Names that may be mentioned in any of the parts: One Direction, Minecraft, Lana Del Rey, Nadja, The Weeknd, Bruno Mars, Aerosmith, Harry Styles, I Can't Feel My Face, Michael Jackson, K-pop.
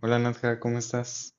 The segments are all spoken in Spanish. Hola Nadja, ¿cómo estás?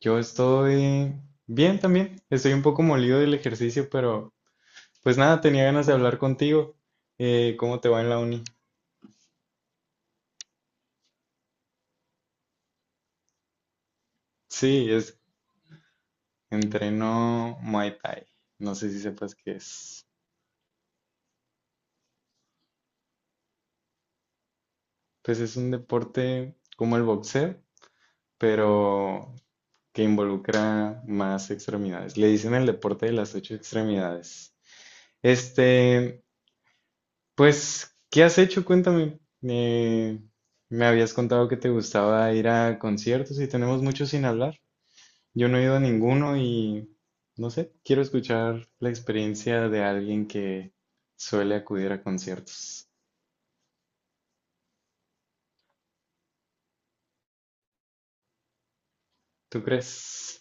Yo estoy bien también. Estoy un poco molido del ejercicio, pero pues nada, tenía ganas de hablar contigo. ¿cómo te va en la uni? Sí, es entreno Muay Thai. No sé si sepas qué es. Pues es un deporte como el boxeo, pero que involucra más extremidades. Le dicen el deporte de las ocho extremidades. Este, Pues, ¿qué has hecho? Cuéntame. Me habías contado que te gustaba ir a conciertos y tenemos mucho sin hablar. Yo no he ido a ninguno y no sé, quiero escuchar la experiencia de alguien que suele acudir a conciertos. ¿Tú crees?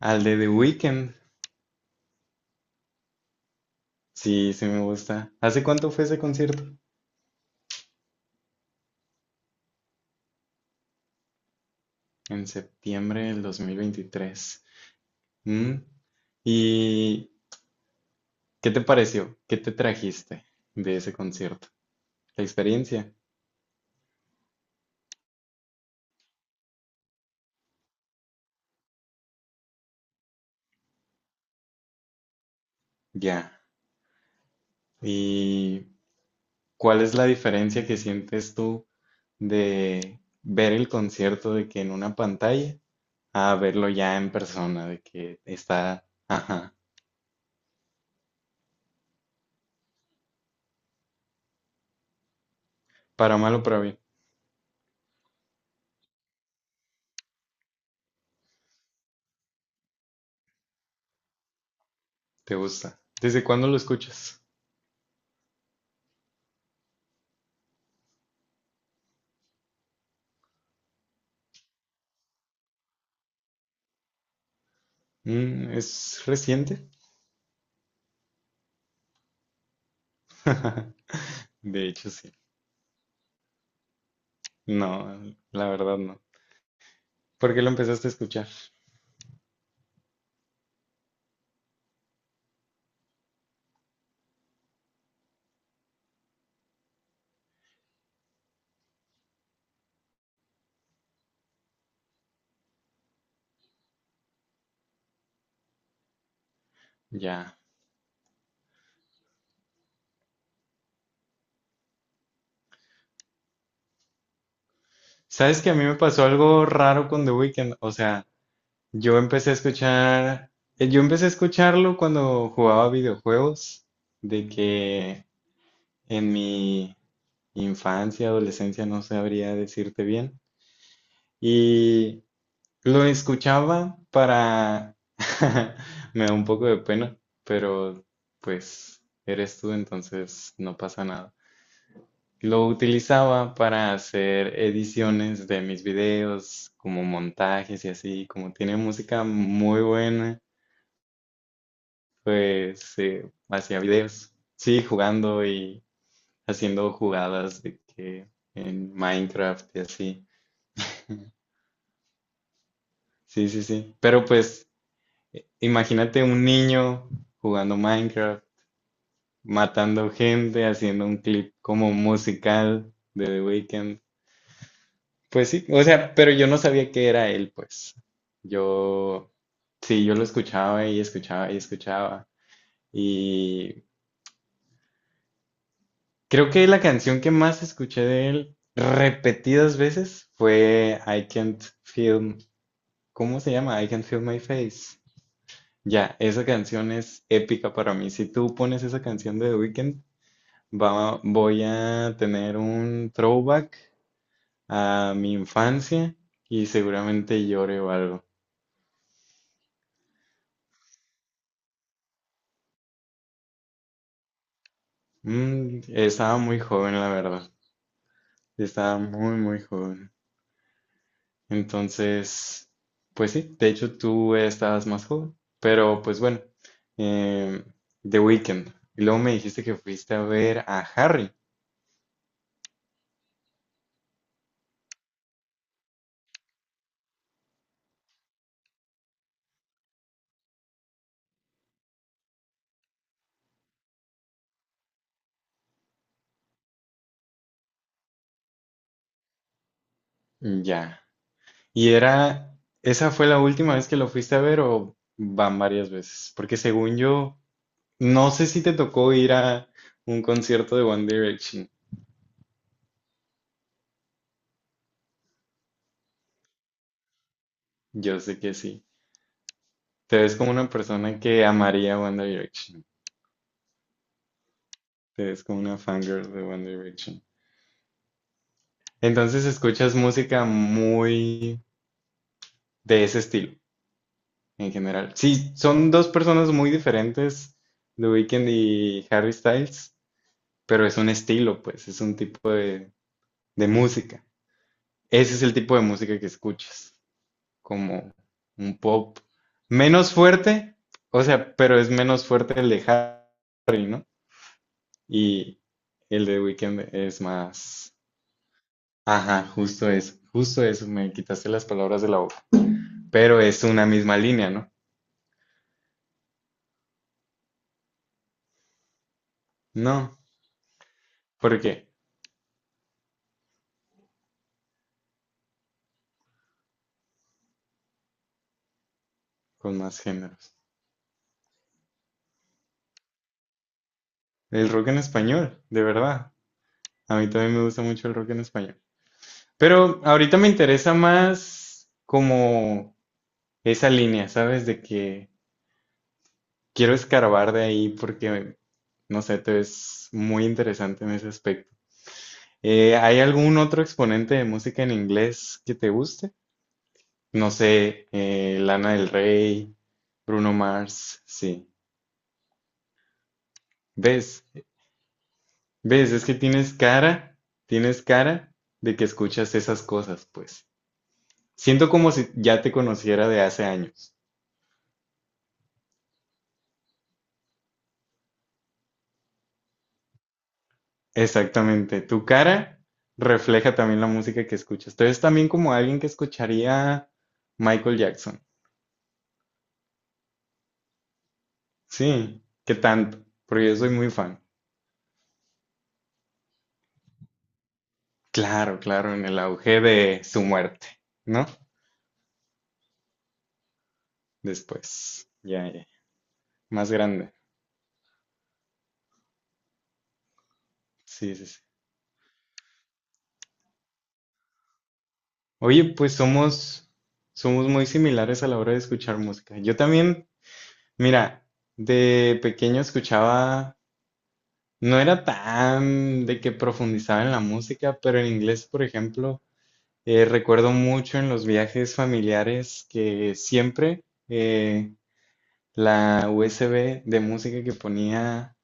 Al de The Weeknd. Sí, sí me gusta. ¿Hace cuánto fue ese concierto? En septiembre del 2023. ¿Mm? ¿Y qué te pareció? ¿Qué te trajiste de ese concierto? La experiencia. Ya. ¿Y cuál es la diferencia que sientes tú de ver el concierto de que en una pantalla a verlo ya en persona, de que está, ajá, para mal o para bien, te gusta? ¿Desde cuándo lo escuchas? Mm, ¿es reciente? De hecho, sí. No, la verdad no. ¿Por qué lo empezaste a escuchar? Ya. ¿Sabes que a mí me pasó algo raro con The Weeknd? O sea, yo empecé a escuchar, yo empecé a escucharlo cuando jugaba videojuegos, de que en mi infancia, adolescencia, no sabría decirte bien, y lo escuchaba para, me da un poco de pena, pero pues eres tú, entonces no pasa nada. Lo utilizaba para hacer ediciones de mis videos, como montajes y así, como tiene música muy buena. Pues hacía videos, sí, jugando y haciendo jugadas de que en Minecraft y así. Sí, sí, sí. Pero pues imagínate un niño jugando Minecraft, matando gente, haciendo un clip como musical de The Weeknd. Pues sí, o sea, pero yo no sabía que era él, pues. Yo, sí, yo lo escuchaba y escuchaba y escuchaba. Y creo que la canción que más escuché de él repetidas veces fue I Can't Feel, ¿cómo se llama? I Can't Feel My Face. Ya, esa canción es épica para mí. Si tú pones esa canción de The Weeknd, voy a tener un throwback a mi infancia y seguramente llore o algo. Mm, estaba muy joven, la verdad. Estaba muy, muy joven. Entonces, pues sí, de hecho tú estabas más joven, pero pues bueno, em, The Weeknd. Y luego me dijiste que fuiste a ver a Harry. Ya. ¿Y era, esa fue la última vez que lo fuiste a ver o van varias veces? Porque según yo, no sé si te tocó ir a un concierto de One Direction. Yo sé que sí. Te ves como una persona que amaría One Direction. Te ves como una fangirl de One Direction. Entonces escuchas música muy de ese estilo en general. Sí, son dos personas muy diferentes, The Weeknd y Harry Styles, pero es un estilo, pues, es un tipo de música. Ese es el tipo de música que escuchas, como un pop menos fuerte, o sea, pero es menos fuerte el de Harry, ¿no? Y el de The Weeknd es más... Ajá, justo eso, me quitaste las palabras de la boca. Pero es una misma línea, ¿no? No, ¿por qué? Con más géneros. El rock en español, de verdad. A mí también me gusta mucho el rock en español. Pero ahorita me interesa más como esa línea, ¿sabes? De que quiero escarbar de ahí porque, no sé, te ves muy interesante en ese aspecto. ¿hay algún otro exponente de música en inglés que te guste? No sé, Lana del Rey, Bruno Mars, sí. ¿Ves? ¿Ves? Es que tienes cara de que escuchas esas cosas, pues. Siento como si ya te conociera de hace años. Exactamente. Tu cara refleja también la música que escuchas. Entonces también como alguien que escucharía Michael Jackson. Sí, ¿qué tanto? Porque yo soy muy fan. Claro, claro, en el auge de su muerte, ¿no? Después, ya, ya, más grande. Sí, sí, sí. Oye, pues somos, somos muy similares a la hora de escuchar música. Yo también mira, de pequeño escuchaba, no era tan de que profundizaba en la música, pero en inglés, por ejemplo, recuerdo mucho en los viajes familiares que siempre eh, la USB de música que ponía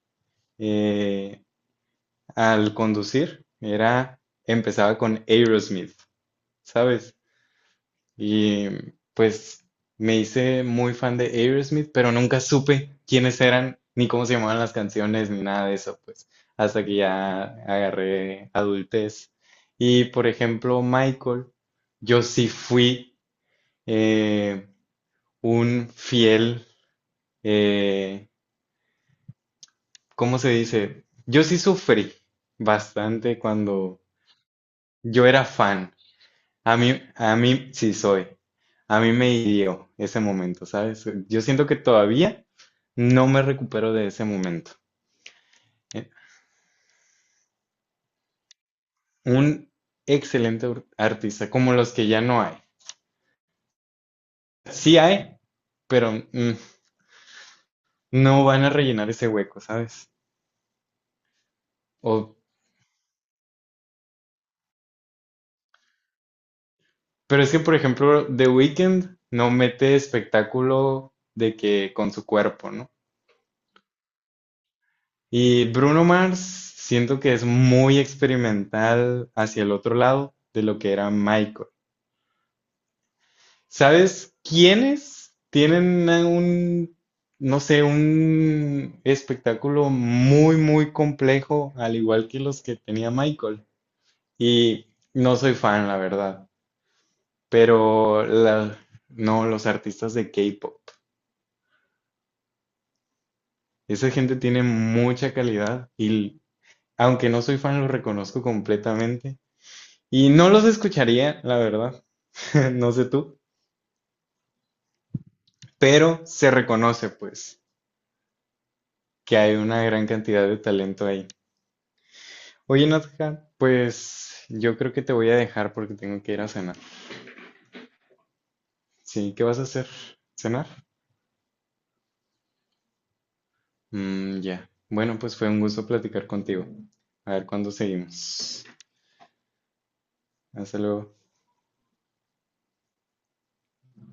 eh, al conducir era, empezaba con Aerosmith, ¿sabes? Y pues me hice muy fan de Aerosmith, pero nunca supe quiénes eran, ni cómo se llamaban las canciones, ni nada de eso, pues, hasta que ya agarré adultez. Y por ejemplo, Michael, yo sí fui eh, un fiel, eh, ¿cómo se dice? Yo sí sufrí bastante cuando yo era fan. A mí, sí soy. A mí me hirió ese momento, ¿sabes? Yo siento que todavía no me recupero de ese momento. Eh, Un excelente artista, como los que ya no hay. Sí hay, pero mm, no van a rellenar ese hueco, ¿sabes? O, pero es que, por ejemplo, The Weeknd no mete espectáculo de que con su cuerpo, ¿no? Y Bruno Mars siento que es muy experimental hacia el otro lado de lo que era Michael. ¿Sabes quiénes tienen a un, no sé, un espectáculo muy, muy complejo, al igual que los que tenía Michael? Y no soy fan, la verdad, pero no, los artistas de K-pop. Esa gente tiene mucha calidad y aunque no soy fan, los reconozco completamente. Y no los escucharía, la verdad, no sé tú, pero se reconoce pues que hay una gran cantidad de talento ahí. Oye, Nadja, pues yo creo que te voy a dejar porque tengo que ir a cenar. Sí, ¿qué vas a hacer? ¿Cenar? Mm, ya. Bueno, pues fue un gusto platicar contigo. A ver cuándo seguimos. Hasta luego.